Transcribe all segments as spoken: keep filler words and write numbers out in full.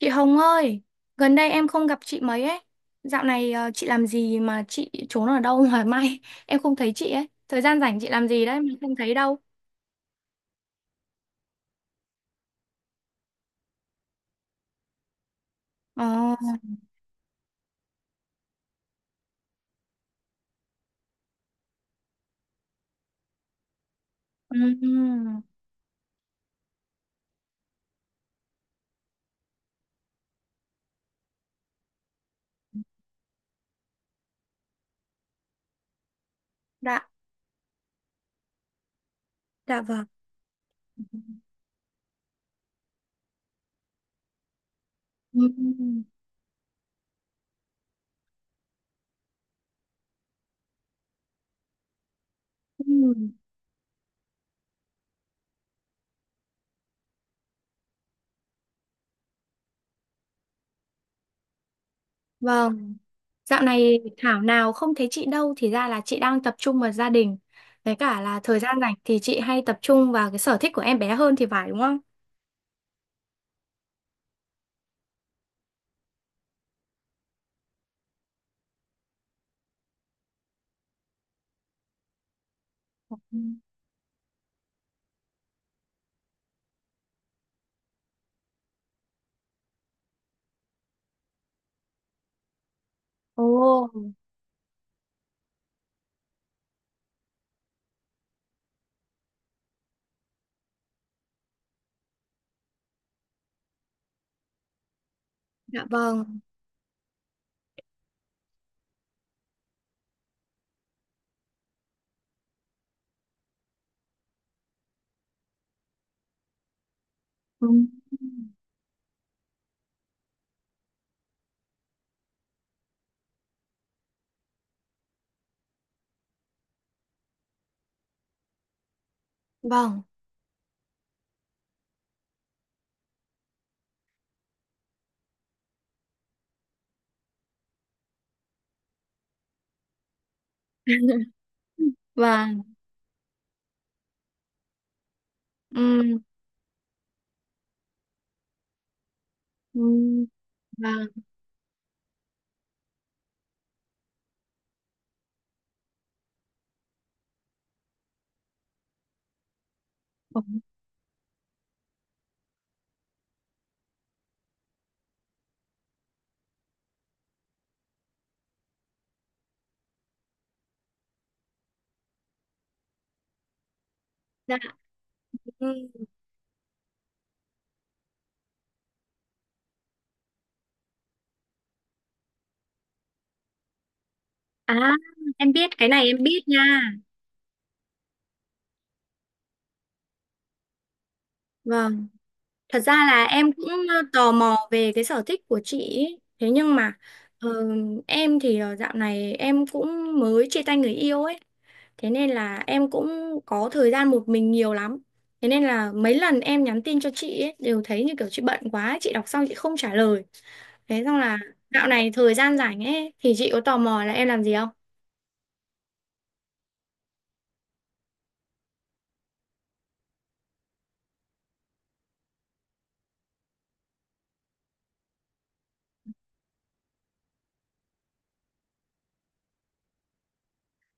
Chị Hồng ơi, gần đây em không gặp chị mấy ấy. Dạo này ờ, chị làm gì mà chị trốn ở đâu mà mai em không thấy chị ấy. Thời gian rảnh chị làm gì đấy mà không thấy đâu. Ồ. Ừm. Dạ. Dạ vâng. Ừm. Ừm. Vâng, dạo này thảo nào không thấy chị đâu thì ra là chị đang tập trung vào gia đình. Với cả là thời gian rảnh thì chị hay tập trung vào cái sở thích của em bé hơn thì phải đúng không? Ừm. Ồ. Dạ vâng. Ừm. Vâng. Vâng. Ừ, ừ, vâng. Ồ. Dạ. Ừ. À, em biết cái này em biết nha. Vâng, thật ra là em cũng ờ, tò mò về cái sở thích của chị ý. Thế nhưng mà ờ, em thì ờ, dạo này em cũng mới chia tay người yêu ấy. Thế nên là em cũng có thời gian một mình nhiều lắm. Thế nên là mấy lần em nhắn tin cho chị ấy, đều thấy như kiểu chị bận quá, ấy, chị đọc xong chị không trả lời. Thế xong là dạo này thời gian rảnh ấy thì chị có tò mò là em làm gì không?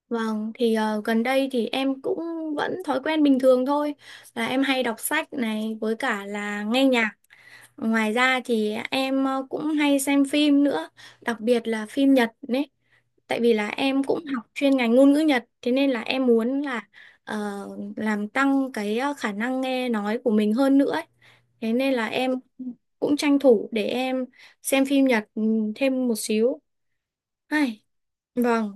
Vâng, thì ờ, gần đây thì em cũng vẫn thói quen bình thường thôi là em hay đọc sách này với cả là nghe nhạc. Ngoài ra thì em ờ, cũng hay xem phim nữa, đặc biệt là phim Nhật đấy. Tại vì là em cũng học chuyên ngành ngôn ngữ Nhật, thế nên là em muốn là ờ, làm tăng cái ờ, khả năng nghe nói của mình hơn nữa ấy. Thế nên là em cũng tranh thủ để em xem phim Nhật ừ, thêm một xíu. Ai, vâng.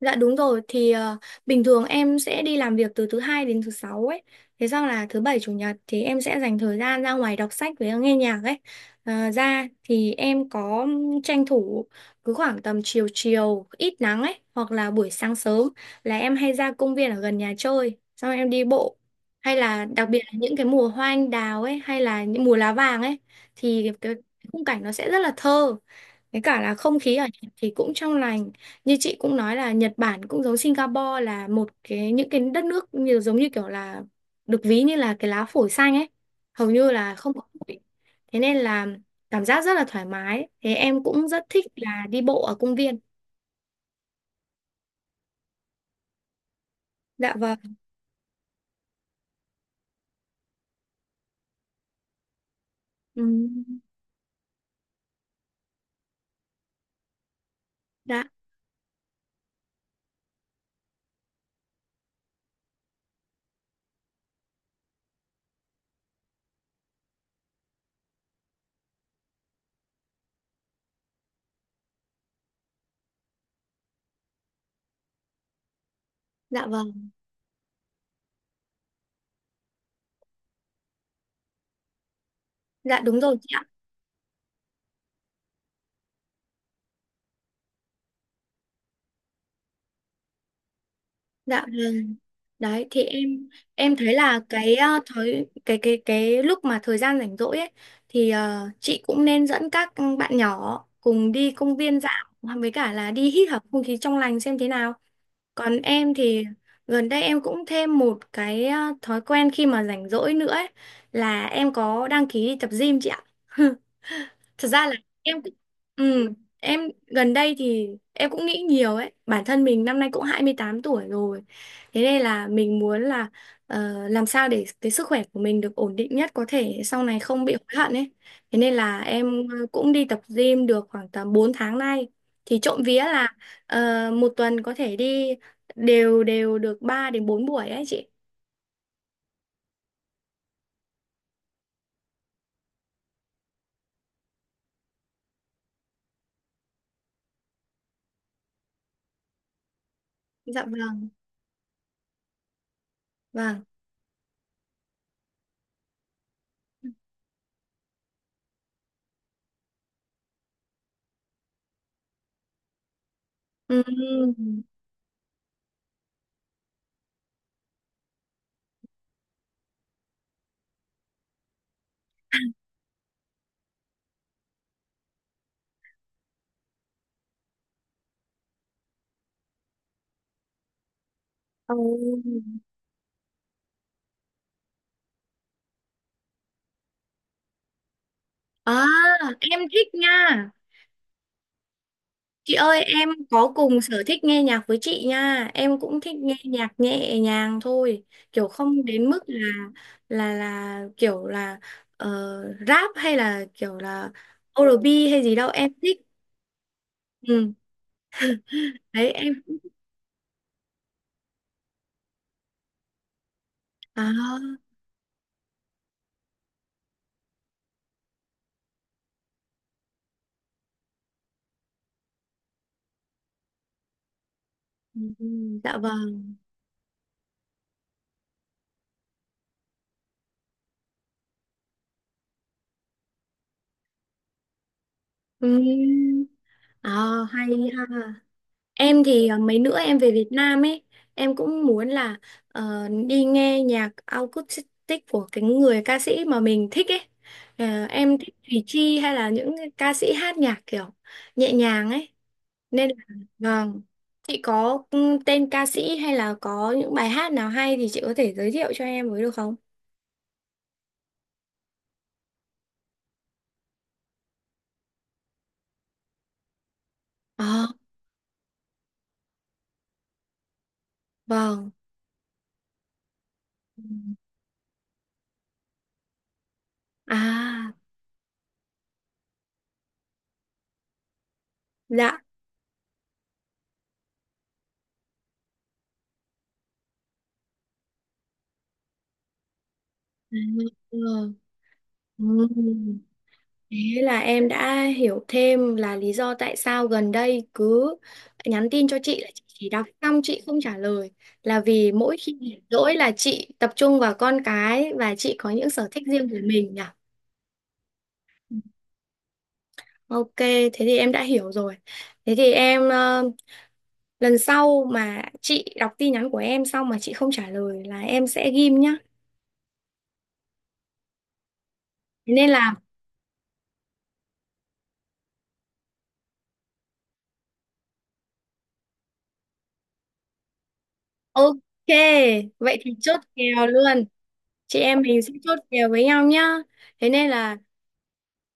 Dạ đúng rồi thì ờ, bình thường em sẽ đi làm việc từ thứ hai đến thứ sáu ấy. Thế xong là thứ bảy chủ nhật thì em sẽ dành thời gian ra ngoài đọc sách với nghe nhạc ấy. Ờ, ra thì em có tranh thủ cứ khoảng tầm chiều chiều ít nắng ấy hoặc là buổi sáng sớm là em hay ra công viên ở gần nhà chơi xong em đi bộ hay là đặc biệt là những cái mùa hoa anh đào ấy hay là những mùa lá vàng ấy thì cái khung cảnh nó sẽ rất là thơ với cả là không khí ở Nhật thì cũng trong lành. Như chị cũng nói là Nhật Bản cũng giống Singapore là một cái những cái đất nước như giống như kiểu là được ví như là cái lá phổi xanh ấy, hầu như là không có bụi. Thế nên là cảm giác rất là thoải mái. Thế em cũng rất thích là đi bộ ở công viên. Dạ vâng. Ừ, dạ, dạ vâng. Dạ đúng rồi chị ạ. Dạ vâng. Đấy thì em em thấy là cái ờ, thời cái cái cái lúc mà thời gian rảnh rỗi ấy thì ờ, chị cũng nên dẫn các bạn nhỏ cùng đi công viên dạo với cả là đi hít thở không khí trong lành xem thế nào. Còn em thì gần đây em cũng thêm một cái à, thói quen khi mà rảnh rỗi nữa ấy, là em có đăng ký đi tập gym chị ạ. Thật ra là em cũng ừ, em gần đây thì em cũng nghĩ nhiều ấy, bản thân mình năm nay cũng hai mươi tám tuổi rồi. Thế nên là mình muốn là ờ, làm sao để cái sức khỏe của mình được ổn định nhất có thể sau này không bị hối hận ấy. Thế nên là em ờ, cũng đi tập gym được khoảng tầm bốn tháng nay. Thì trộm vía là ờ, một tuần có thể đi đều đều được ba đến bốn buổi ấy chị. Dạ vâng. Vâng. Ừ. Ừ. À, em thích nha. Chị ơi, em có cùng sở thích nghe nhạc với chị nha. Em cũng thích nghe nhạc nhẹ nhàng thôi, kiểu không đến mức là là là kiểu là ờ, rap hay là kiểu là o a en bi hay gì đâu, em thích. Ừ. Đấy em. À, ừ, dạ vâng. Ừ. À, hay ha. Em thì ờ, mấy nữa em về Việt Nam ấy, em cũng muốn là ờ, đi nghe nhạc acoustic của cái người ca sĩ mà mình thích ấy. Ờ, em thích Thùy Chi hay là những cái ca sĩ hát nhạc kiểu nhẹ nhàng ấy. Nên là vâng, chị có ừ, tên ca sĩ hay là có những bài hát nào hay thì chị có thể giới thiệu cho em với được không? Ờ, vâng. À, dạ. Ừ. Ừ. Thế là em đã hiểu thêm là lý do tại sao gần đây cứ nhắn tin cho chị là chị chỉ đọc xong chị không trả lời là vì mỗi khi rảnh rỗi là chị tập trung vào con cái và chị có những sở thích riêng của mình nhỉ. Ok, thế thì em đã hiểu rồi. Thế thì em ờ, lần sau mà chị đọc tin nhắn của em xong mà chị không trả lời là em sẽ ghim nhá. Thế nên là ok, vậy thì chốt kèo luôn. Chị em mình sẽ chốt kèo với nhau nhá. Thế nên là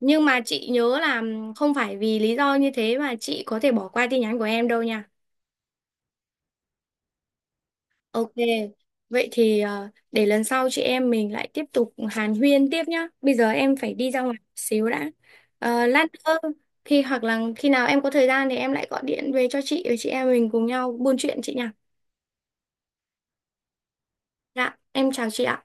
nhưng mà chị nhớ là không phải vì lý do như thế mà chị có thể bỏ qua tin nhắn của em đâu nha. Ok, vậy thì ờ, để lần sau chị em mình lại tiếp tục hàn huyên tiếp nhá. Bây giờ em phải đi ra ngoài một xíu đã. Ờ, lát nữa khi hoặc là khi nào em có thời gian thì em lại gọi điện về cho chị và chị em mình cùng nhau buôn chuyện chị nha. Dạ, em chào chị ạ.